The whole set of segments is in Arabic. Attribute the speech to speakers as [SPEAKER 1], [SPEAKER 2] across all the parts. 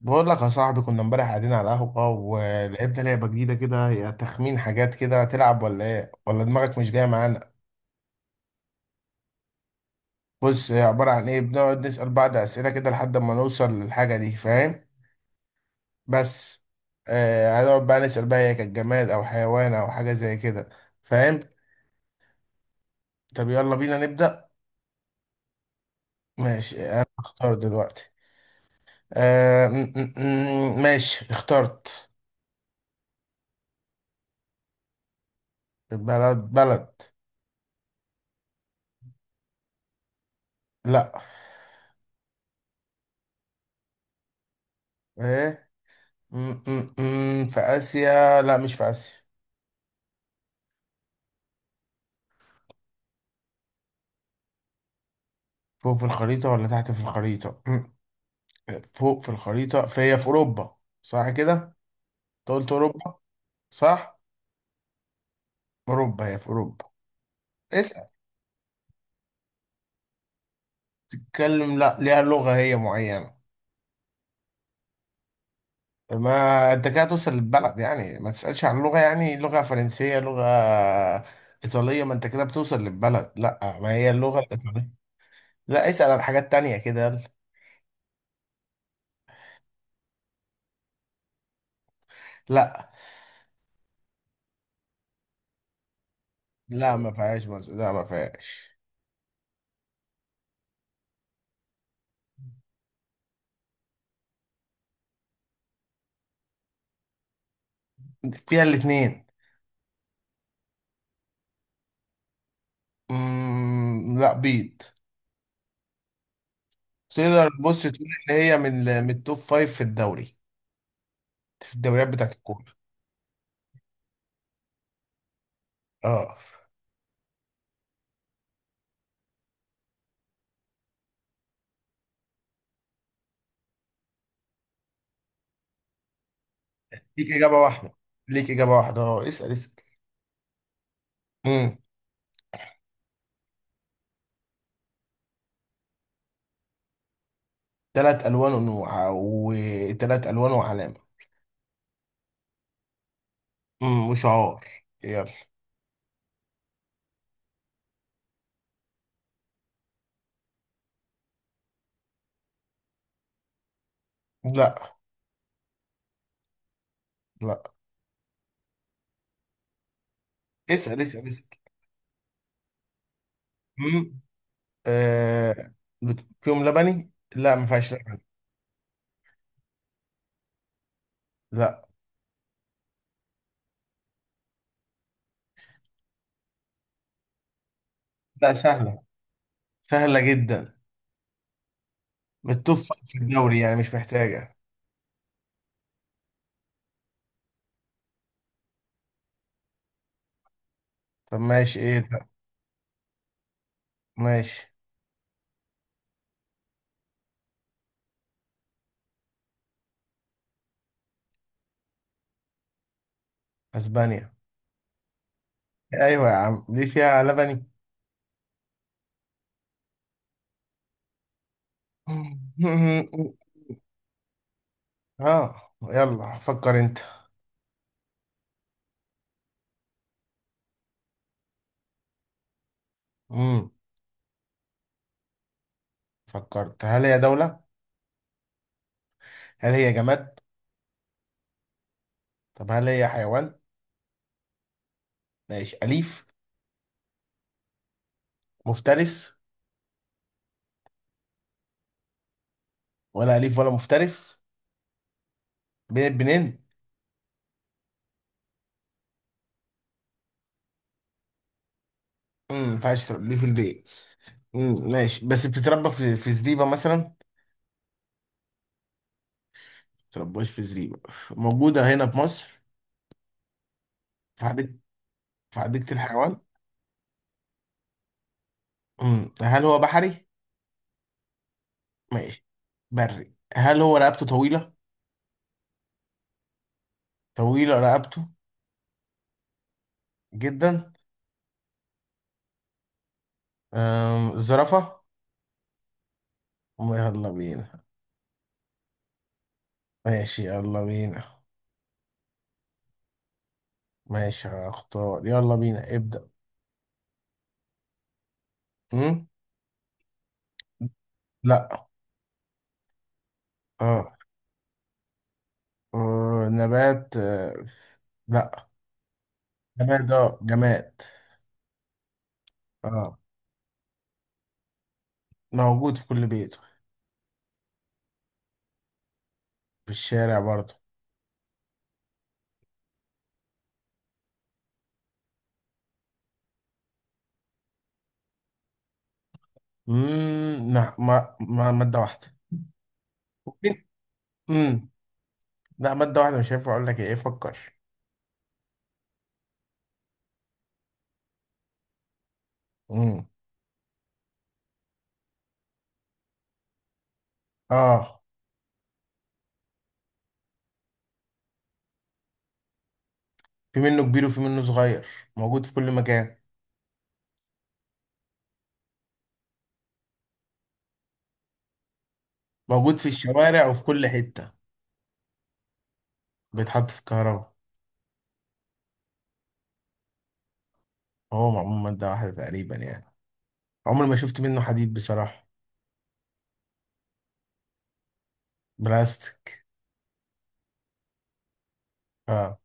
[SPEAKER 1] بقول لك يا صاحبي، كنا امبارح قاعدين على القهوة ولعبنا لعبة جديدة كده، هي تخمين حاجات كده. تلعب ولا ايه؟ ولا دماغك مش جاية معانا؟ بص، هي عبارة عن ايه؟ بنقعد نسأل بعض أسئلة كده لحد ما نوصل للحاجة دي، فاهم؟ بس. آه، هنقعد بقى نسأل بقى هي كانت جماد أو حيوان أو حاجة زي كده، فاهم؟ طب يلا بينا نبدأ. ماشي، أنا اختار دلوقتي. ماشي اخترت. بلد بلد. لا. ايه. في آسيا؟ لا، مش في آسيا. فوق في الخريطة ولا تحت في الخريطة؟ فوق في الخريطة، فهي في أوروبا. صح كده؟ أنت قلت أوروبا. صح؟ أوروبا، هي في أوروبا. اسأل. تتكلم؟ لا، ليها لغة هي معينة. ما أنت كده توصل للبلد يعني، ما تسألش عن لغة، يعني لغة فرنسية لغة إيطالية ما أنت كده بتوصل للبلد. لا، ما هي اللغة الإيطالية. لا، اسأل عن حاجات تانية كده، يلا. لا. لا، ما فيهاش، لا، ما فيهاش. فيها الاتنين. لا، بيض. تقدر بص تقول ان هي من من التوب فايف في الدوري، في الدوريات بتاعت الكورة. اه. ليك اجابة واحدة. ليك اجابة واحدة، اه، اسأل اسأل. امم. ثلاث الوان ونوع وثلاث الوان وعلامة. وشعار. يلا. لا. لا، اسأل اسأل اسأل. امم. آه... فيهم لبني. لا، ما فيهاش لبن. لا. لا، سهلة. سهلة جدا. من التوب فايف في الدوري يعني، مش محتاجة. طب ماشي، ايه ده. ماشي. اسبانيا. ايوه يا عم، دي فيها لبني. اه، يلا فكر انت. امم. فكرت. هل هي دولة؟ هل هي جماد؟ طب هل هي حيوان؟ ماشي، أليف؟ مفترس؟ ولا أليف ولا مفترس؟ بين البنين. ما ينفعش تربيه في البيت. ماشي، بس بتتربى في زريبة مثلا ما. تربوش في زريبة. موجودة هنا في مصر. في حديقة. في حديقة الحيوان. هل هو بحري؟ ماشي. بري. هل هو رقبته طويلة؟ طويلة رقبته. جدا. الزرافة. يلا بينا. ماشي يلا بينا. ماشي هختار، يلا بينا ابدأ. أم؟ لا. اه. نبات. لا. جماد، اه جماد. اه، موجود في كل بيت. في الشارع برضه. لا، ما مادة واحدة. ممكن. امم لا، مادة واحدة مش هينفع اقول لك ايه، فكر. امم. اه. في منه كبير وفي منه صغير، موجود في كل مكان، موجود في الشوارع وفي كل حتة. بيتحط في الكهرباء. هو معمول من مادة واحدة تقريبا يعني، عمري ما شفت منه حديد بصراحة. بلاستيك. اه.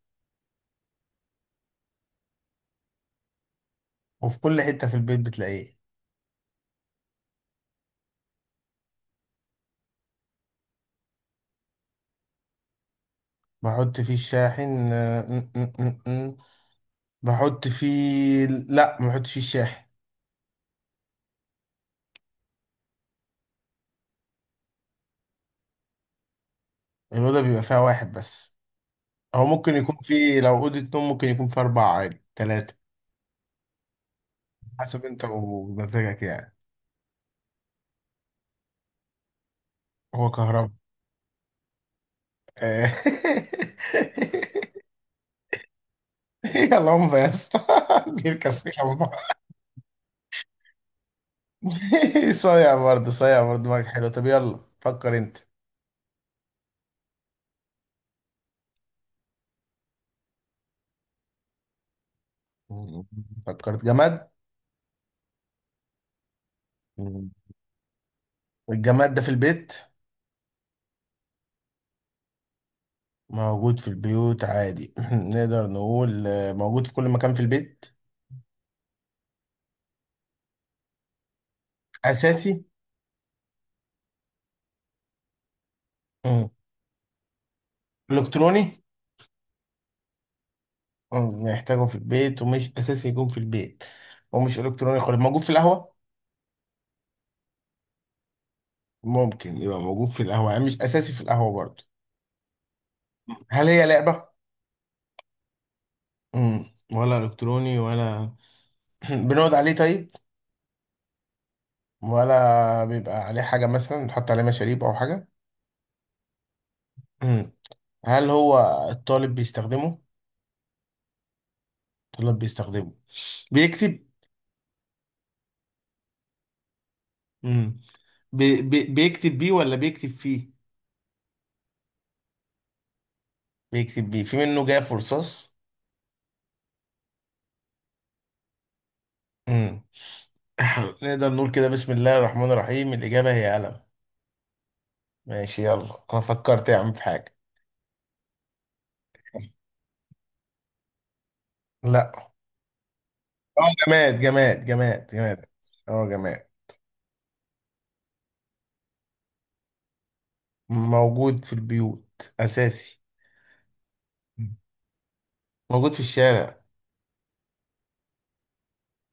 [SPEAKER 1] وفي كل حتة في البيت بتلاقيه. بحط فيه الشاحن. آه، م- م- م- م. بحط فيه لا، ما بحطش فيه الشاحن. الأوضة بيبقى فيها واحد بس. هو ممكن يكون فيه، لو أوضة نوم ممكن يكون فيه أربعة عادي، تلاتة. حسب أنت ومزاجك يعني. هو كهرباء. آه. يلا هم يا اسطى. بيركب فيه. صايع برضه صايع برضه، دماغك حلو. طب يلا فكر انت. فكرت. جماد. الجماد ده في البيت؟ موجود في البيوت عادي. نقدر نقول موجود في كل مكان في البيت؟ أساسي؟ مم. إلكتروني؟ نحتاجه في البيت ومش أساسي يكون في البيت ومش إلكتروني خالص. موجود في القهوة؟ ممكن يبقى موجود في القهوة يعني، مش أساسي في القهوة برضه. هل هي لعبة؟ مم. ولا إلكتروني ولا؟ بنقعد عليه طيب؟ ولا بيبقى عليه حاجة مثلا نحط عليه مشاريب أو حاجة؟ امم. هل هو الطالب بيستخدمه؟ الطالب بيستخدمه، بيكتب. مم. بي بي بيكتب بيه ولا بيكتب فيه؟ بيكتب بيه. في منه جاف ورصاص. امم. نقدر نقول كده، بسم الله الرحمن الرحيم، الإجابة هي قلم. ماشي. يلا، أنا فكرت يا عم في حاجة. لا. اه، جماد جماد جماد جماد. اه، جماد. موجود في البيوت أساسي. مم. موجود في الشارع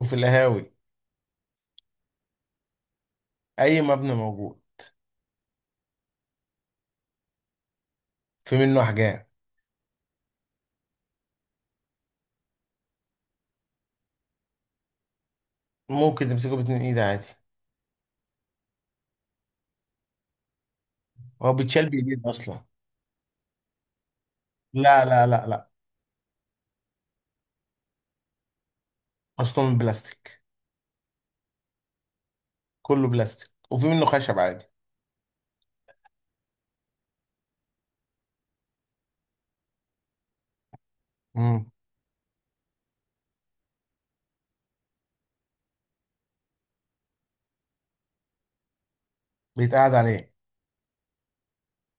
[SPEAKER 1] وفي القهاوي. اي مبنى موجود. في منه احجام. ممكن تمسكه باتنين ايد عادي. هو بيتشال بايدين اصلا. لا لا لا لا. اصلا من بلاستيك. كله بلاستيك وفي منه خشب عادي. امم. بيتقعد عليه.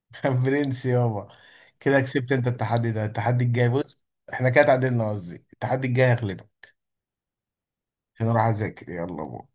[SPEAKER 1] برنس يابا. كده كسبت انت التحدي ده، التحدي الجاي بص، احنا كده اتعادلنا، قصدي التحدي الجاي هغلبك. عشان اروح اذاكر، يلا بو.